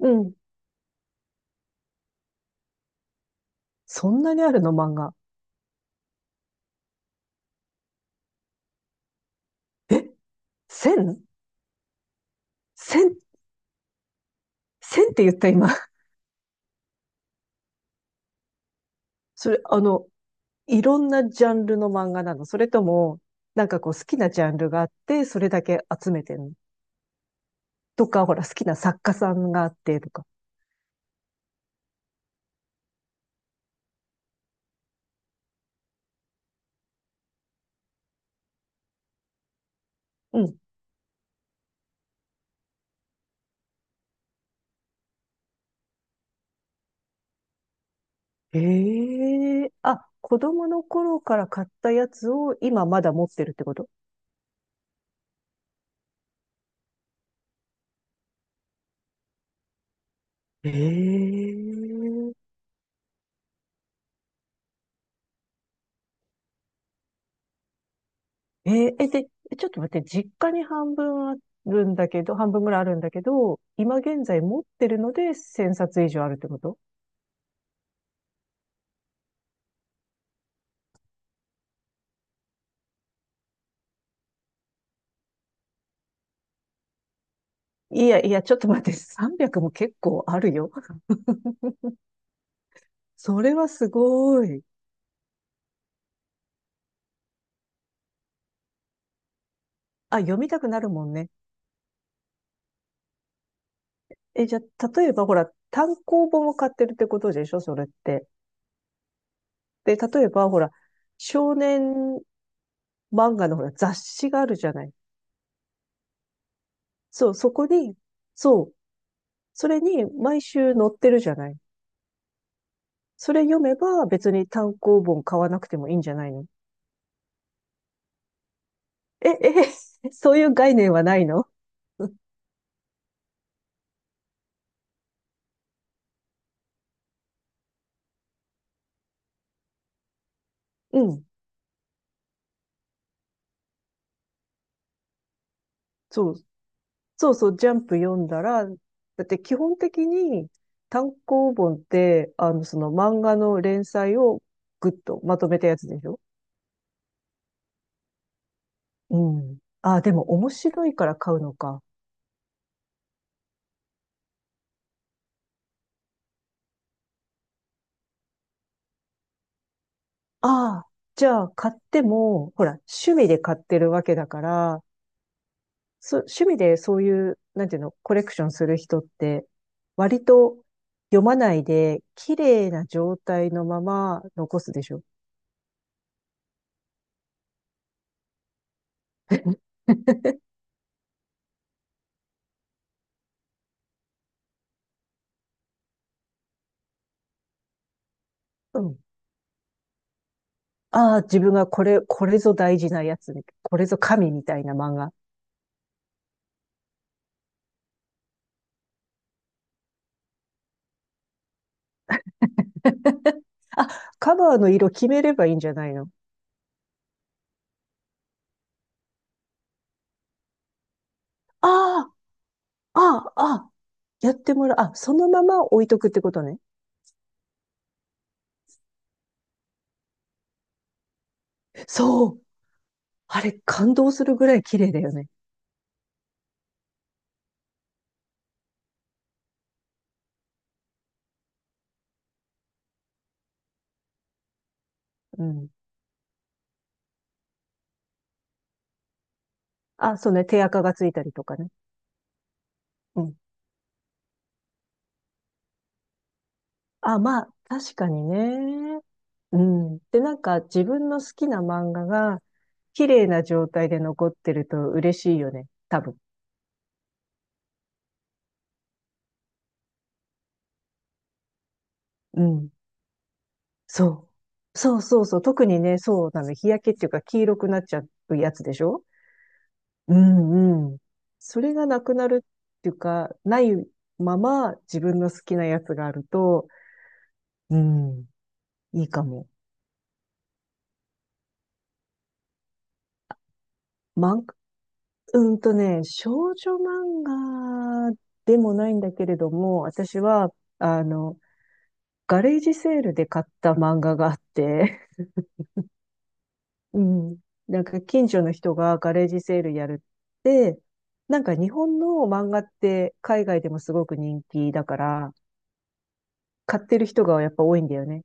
うん。そんなにあるの漫画？え ?1000?1000? って言った今。それ、いろんなジャンルの漫画なの、それとも、なんかこう好きなジャンルがあって、それだけ集めてるの、とか、ほら、好きな作家さんがあって、とか。うん。ええ、あ、子供の頃から買ったやつを今まだ持ってるってこと？ええ、えー、え、で、ちょっと待って、実家に半分あるんだけど、半分ぐらいあるんだけど、今現在持ってるので1000冊以上あるってこと？いやいや、ちょっと待って、300も結構あるよ。それはすごい。あ、読みたくなるもんね。え、じゃあ、例えばほら、単行本を買ってるってことでしょ、それって。で、例えばほら、少年漫画のほら、雑誌があるじゃない。そう、そこに、そう、それに毎週載ってるじゃない。それ読めば別に単行本買わなくてもいいんじゃないの？ え、え、そういう概念はないの？ うん。そう。そうそう、ジャンプ読んだら、だって基本的に単行本って、その漫画の連載をぐっとまとめたやつでしょ？うん。ああ、でも面白いから買うのか。ああ、じゃあ買っても、ほら、趣味で買ってるわけだから、そ、趣味でそういう、なんていうの、コレクションする人って、割と読まないで、綺麗な状態のまま残すでしょ。うん。ああ、自分がこれ、これぞ大事なやつ、これぞ神みたいな漫画。あ、カバーの色決めればいいんじゃないの？ああ、ああ、ああ、やってもらう。あ、そのまま置いとくってことね。そう。あれ、感動するぐらい綺麗だよね。うん。あ、そうね。手垢がついたりとかね。うん。あ、まあ、確かにね。うん。で、なんか自分の好きな漫画が綺麗な状態で残ってると嬉しいよね。多分。うん。そう。そうそうそう。特にね、そうなの。日焼けっていうか黄色くなっちゃうやつでしょ？うんうん。それがなくなるっていうか、ないまま自分の好きなやつがあると、うん、いいかも。漫画、うんとね、少女漫画でもないんだけれども、私は、あの、ガレージセールで買った漫画があって、うん。なんか近所の人がガレージセールやるって、なんか日本の漫画って海外でもすごく人気だから、買ってる人がやっぱ多いんだよね。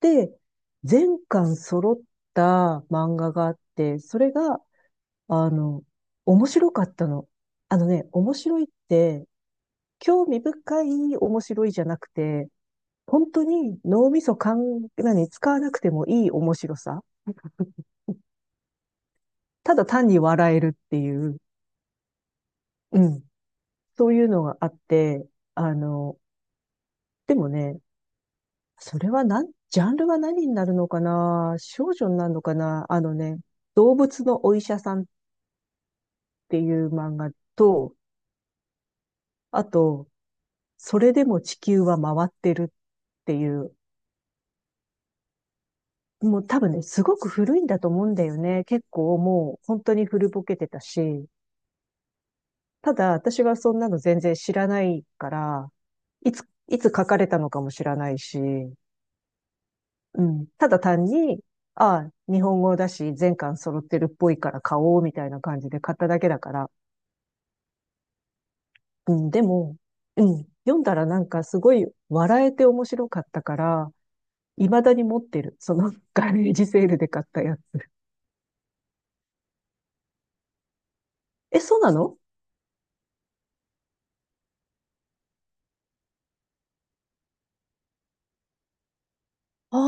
で、全巻揃った漫画があって、それが、あの、面白かったの。あのね、面白いって、興味深い面白いじゃなくて、本当に脳みそかん、何、使わなくてもいい面白さ。ただ単に笑えるっていう、うん、そういうのがあって、あの、でもね、それはなん、ジャンルは何になるのかな、少女になるのかな、あのね、動物のお医者さんっていう漫画と、あと、それでも地球は回ってるっていう、もう多分ね、すごく古いんだと思うんだよね。結構もう本当に古ぼけてたし、ただ私はそんなの全然知らないから、いつ、いつ書かれたのかも知らないし、うん。ただ単に、ああ、日本語だし、全巻揃ってるっぽいから買おう、みたいな感じで買っただけだから。うん、でも、うん、読んだらなんかすごい笑えて面白かったから、未だに持ってる。その ガレージセールで買ったやつ。え、そうなの？ああ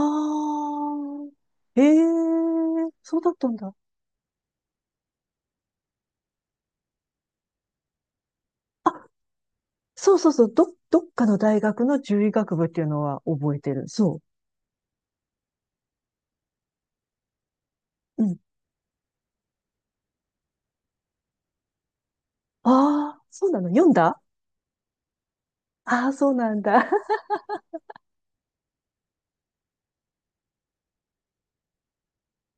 ー、ええ、そうだったんだ。あ、そうそうそう、ど、どっかの大学の獣医学部っていうのは覚えてる。そう。うん。ああ、そうなの、読んだ？ああー、そうなんだ。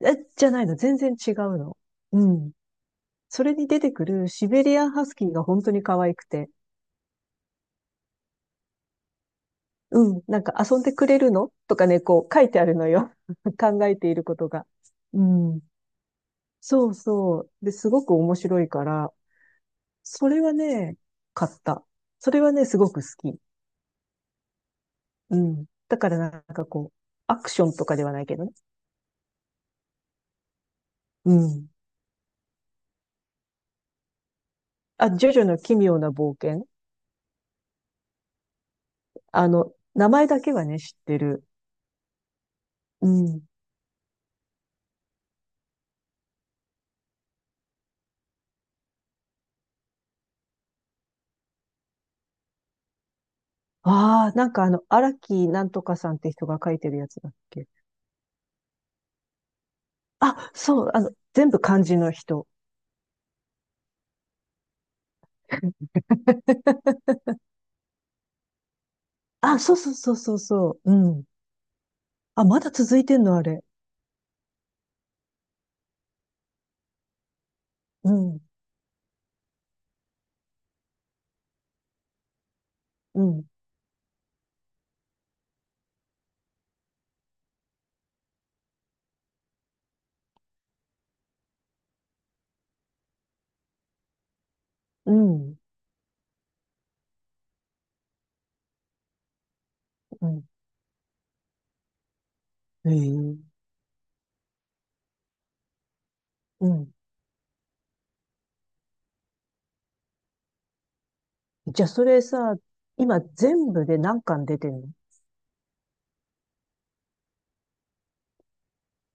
え、じゃないの？全然違うの？うん。それに出てくるシベリアンハスキーが本当に可愛くて。うん。なんか遊んでくれるのとかね、こう書いてあるのよ。考えていることが。うん。そうそう。で、すごく面白いから、それはね、買った。それはね、すごく好き。うん。だからなんかこう、アクションとかではないけどね。うん。あ、ジョジョの奇妙な冒険。名前だけはね、知ってる。うん。ああ、なんかあの、荒木なんとかさんって人が書いてるやつだっけ。あ、そう、全部漢字の人。あ、そうそうそうそうそう。うん。あ、まだ続いてんの、あれ？うん、うん、うん、うん。ええ、うん。じゃあ、それさ、今全部で何巻出てんの？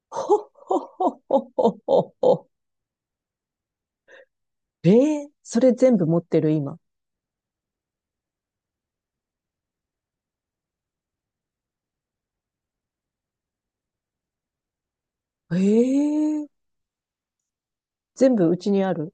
ほっほっほっほっほっほっほ。ええ、それ全部持ってる、今？ええ、全部うちにある？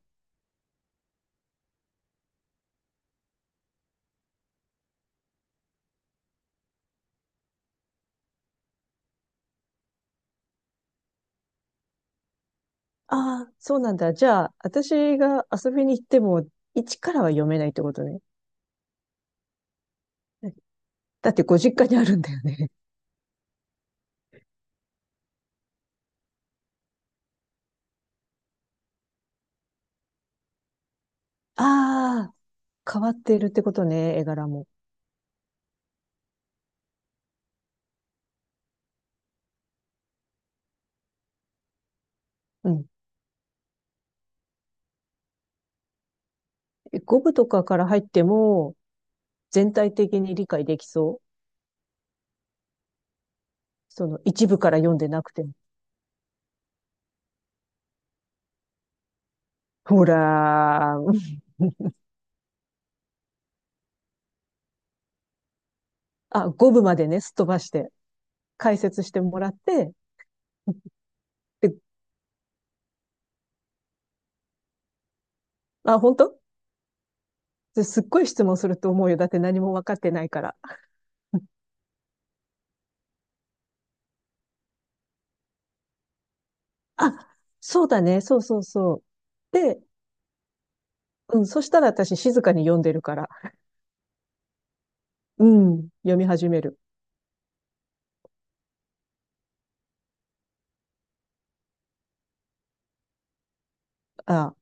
ああ、そうなんだ。じゃあ、私が遊びに行っても、一からは読めないってことね。だってご実家にあるんだよね。ああ、変わっているってことね、絵柄も。うん。五部とかから入っても、全体的に理解できそう。その一部から読んでなくても。ほらー、うん、あ、五部までね、すっ飛ばして、解説してもらって、で、あ、本当ですっごい質問すると思うよ。だって何も分かってないから。あ、そうだね、そうそうそう。で、うん、そしたら私静かに読んでるから、うん、読み始める。あ、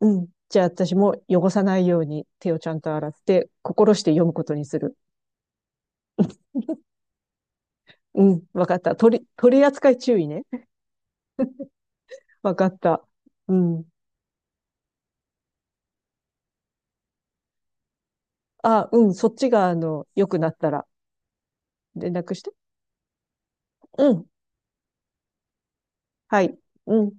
うん。じゃあ私も汚さないように手をちゃんと洗って、心して読むことにする。うん、わかった。取り、取り扱い注意ね。わかった。うん。あ、うん、そっちが、良くなったら連絡して。うん。はい。うん。